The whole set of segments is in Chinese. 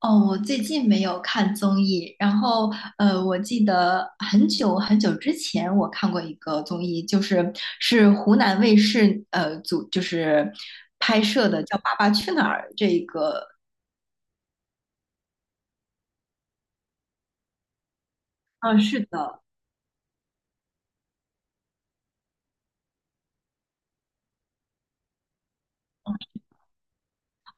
哦，我最近没有看综艺，然后我记得很久很久之前我看过一个综艺，就是是湖南卫视就是拍摄的，叫《爸爸去哪儿》这个。嗯、是的。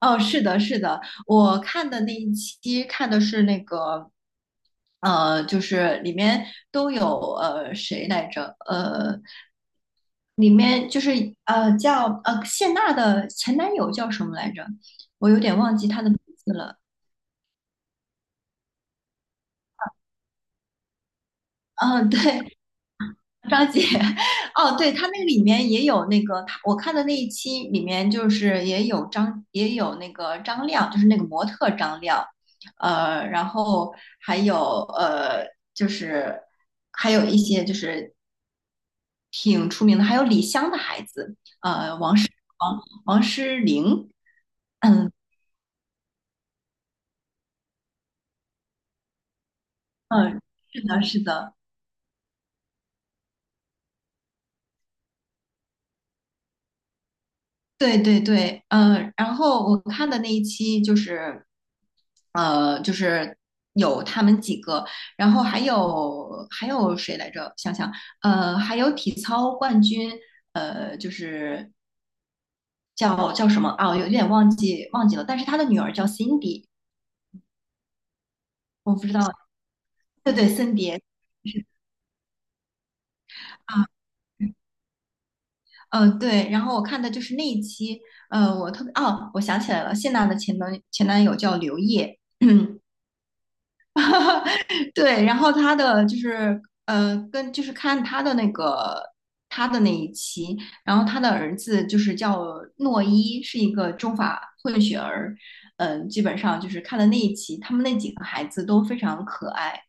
哦，是的，是的。我看的那一期看的是那个就是里面都有谁来着？里面就是叫谢娜的前男友叫什么来着？我有点忘记他的名字了。嗯、对，张杰。哦，对，他那个里面也有那个，他我看的那一期里面就是也有那个张亮，就是那个模特张亮。然后还有呃，就是还有一些就是挺出名的，还有李湘的孩子。呃，王王诗龄。嗯嗯，是的，是的。对对对。嗯，然后我看的那一期就是，就是有他们几个。然后还有谁来着？想想，还有体操冠军。就是叫什么啊？我有点忘记了，但是他的女儿叫 Cindy。我不知道。对对，森碟。啊。嗯，对，然后我看的就是那一期。我特别，哦，我想起来了，谢娜的前男友叫刘烨。对，然后他的就是跟就是看他的那个他的那一期，然后他的儿子就是叫诺伊，是一个中法混血儿。嗯、基本上就是看了那一期，他们那几个孩子都非常可爱。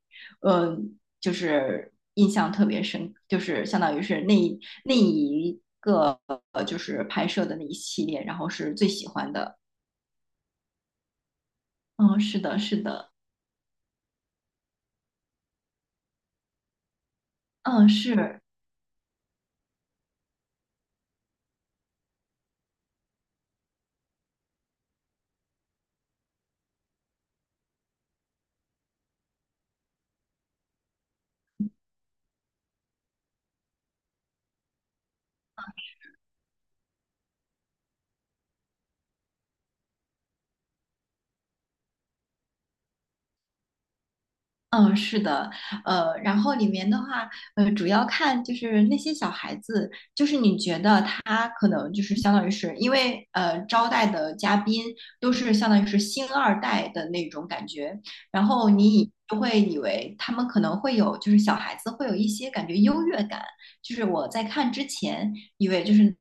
嗯、就是印象特别深，就是相当于是那一个就是拍摄的那一系列，然后是最喜欢的。嗯，是的，是的。嗯，是。嗯，是的。然后里面的话，主要看就是那些小孩子，就是你觉得他可能就是相当于是因为招待的嘉宾都是相当于是星二代的那种感觉。然后你就会以为他们可能会有就是小孩子会有一些感觉优越感。就是我在看之前以为就是。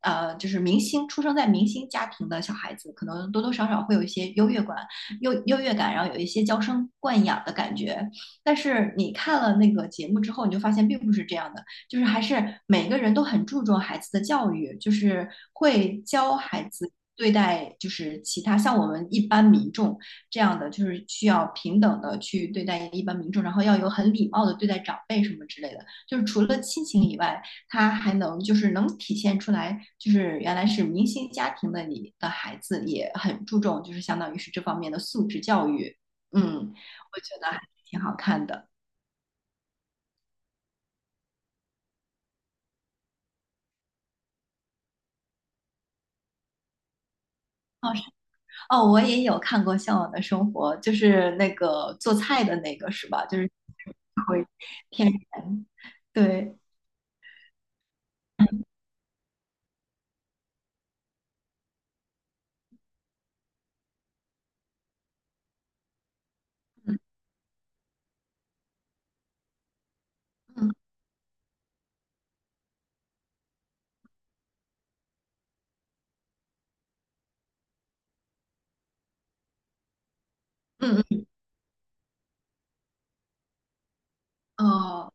就是明星出生在明星家庭的小孩子，可能多多少少会有一些优越感，优越感，然后有一些娇生惯养的感觉。但是你看了那个节目之后，你就发现并不是这样的，就是还是每个人都很注重孩子的教育，就是会教孩子。对待就是其他像我们一般民众这样的，就是需要平等的去对待一般民众，然后要有很礼貌的对待长辈什么之类的。就是除了亲情以外，他还能就是能体现出来，就是原来是明星家庭的你的孩子也很注重，就是相当于是这方面的素质教育。嗯，我觉得还挺好看的。哦是。哦，我也有看过《向往的生活》，就是那个做菜的那个是吧？就是会骗人。对。嗯嗯嗯嗯。哦。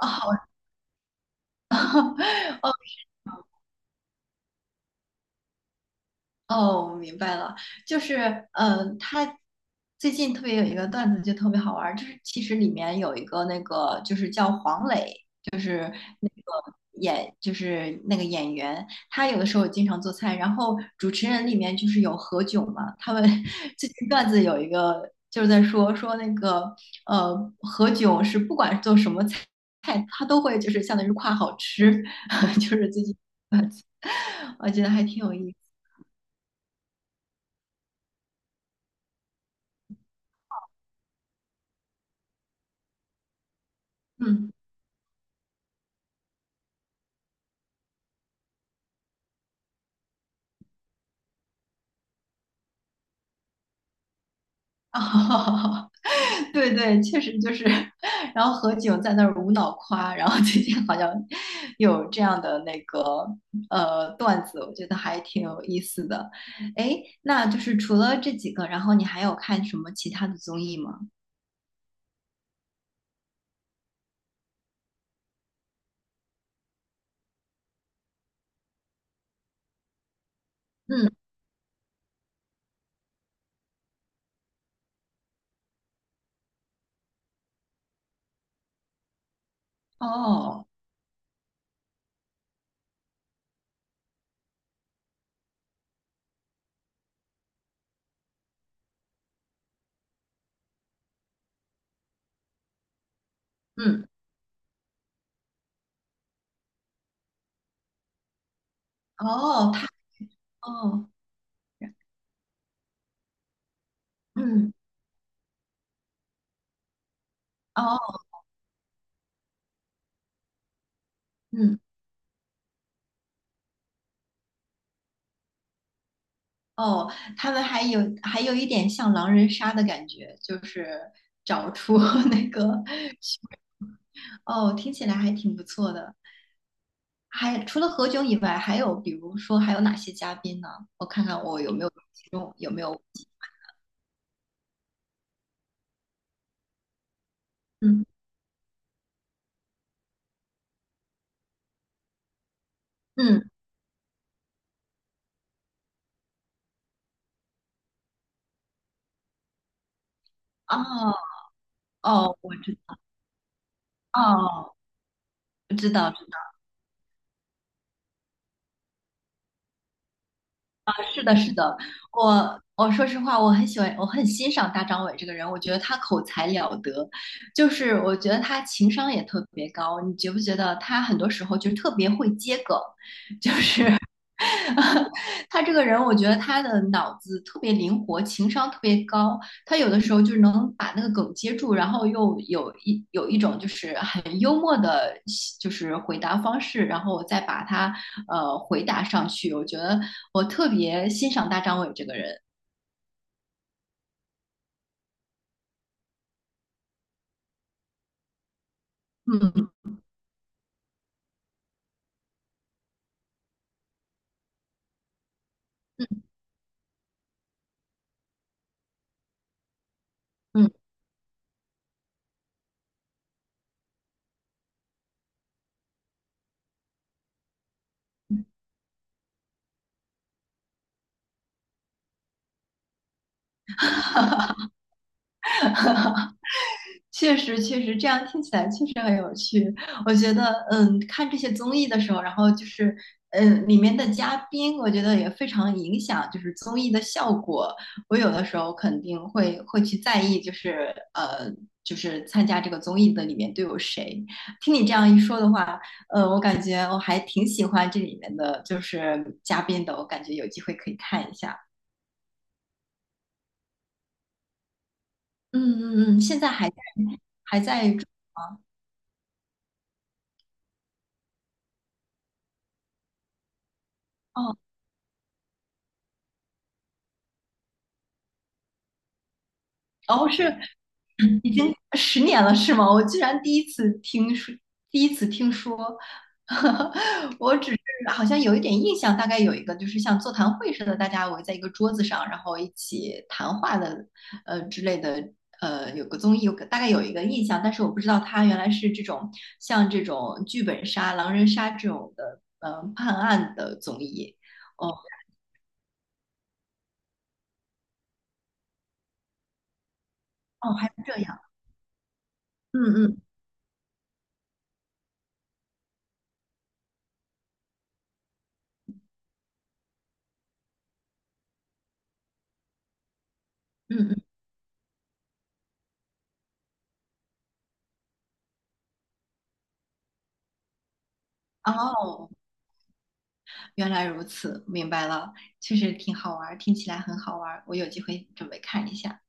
哦哦哦，我明白了。就是嗯，他最近特别有一个段子就特别好玩儿，就是其实里面有一个那个就是叫黄磊演，就是那个演员，他有的时候经常做菜。然后主持人里面就是有何炅嘛，他们 最近段子有一个就是在说那个呃何炅是不管做什么菜，他都会就是相当于夸好吃。就是最近我觉得还挺有意思。嗯。哦。对对，确实就是，然后何炅在那儿无脑夸，然后最近好像有这样的那个段子，我觉得还挺有意思的。哎，那就是除了这几个，然后你还有看什么其他的综艺吗？嗯。哦。嗯。哦，他。哦。嗯。哦。嗯。哦，他们还有一点像狼人杀的感觉，就是找出 那个。哦，听起来还挺不错的。还除了何炅以外，还有比如说还有哪些嘉宾呢？我看看我有没有其中有没有？嗯嗯。哦哦。哦，我知道。是的，是的。我说实话，我很喜欢，我很欣赏大张伟这个人。我觉得他口才了得，就是我觉得他情商也特别高。你觉不觉得他很多时候就是特别会接梗？他这个人，我觉得他的脑子特别灵活，情商特别高。他有的时候就是能把那个梗接住，然后又有一种就是很幽默的，就是回答方式，然后再把它回答上去。我觉得我特别欣赏大张伟这个人。嗯嗯嗯。确实，确实，这样听起来确实很有趣。我觉得，嗯，看这些综艺的时候，然后就是，嗯，里面的嘉宾，我觉得也非常影响，就是综艺的效果。我有的时候肯定会去在意，就是就是参加这个综艺的里面都有谁。听你这样一说的话，我感觉我还挺喜欢这里面的就是嘉宾的，我感觉有机会可以看一下。嗯嗯嗯，现在还在追吗？哦哦，是已经10年了是吗？我居然第一次听说，第一次听说。我只是好像有一点印象，大概有一个就是像座谈会似的，大家围在一个桌子上，然后一起谈话的之类的，有个综艺，大概有一个印象，但是我不知道它原来是像这种剧本杀、狼人杀这种的，判案的综艺。哦哦，还是这样。嗯嗯嗯嗯。哦，原来如此，明白了，确实挺好玩，听起来很好玩，我有机会准备看一下。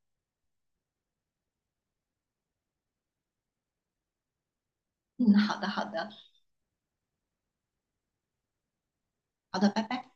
嗯，好的，好的。好的，拜拜。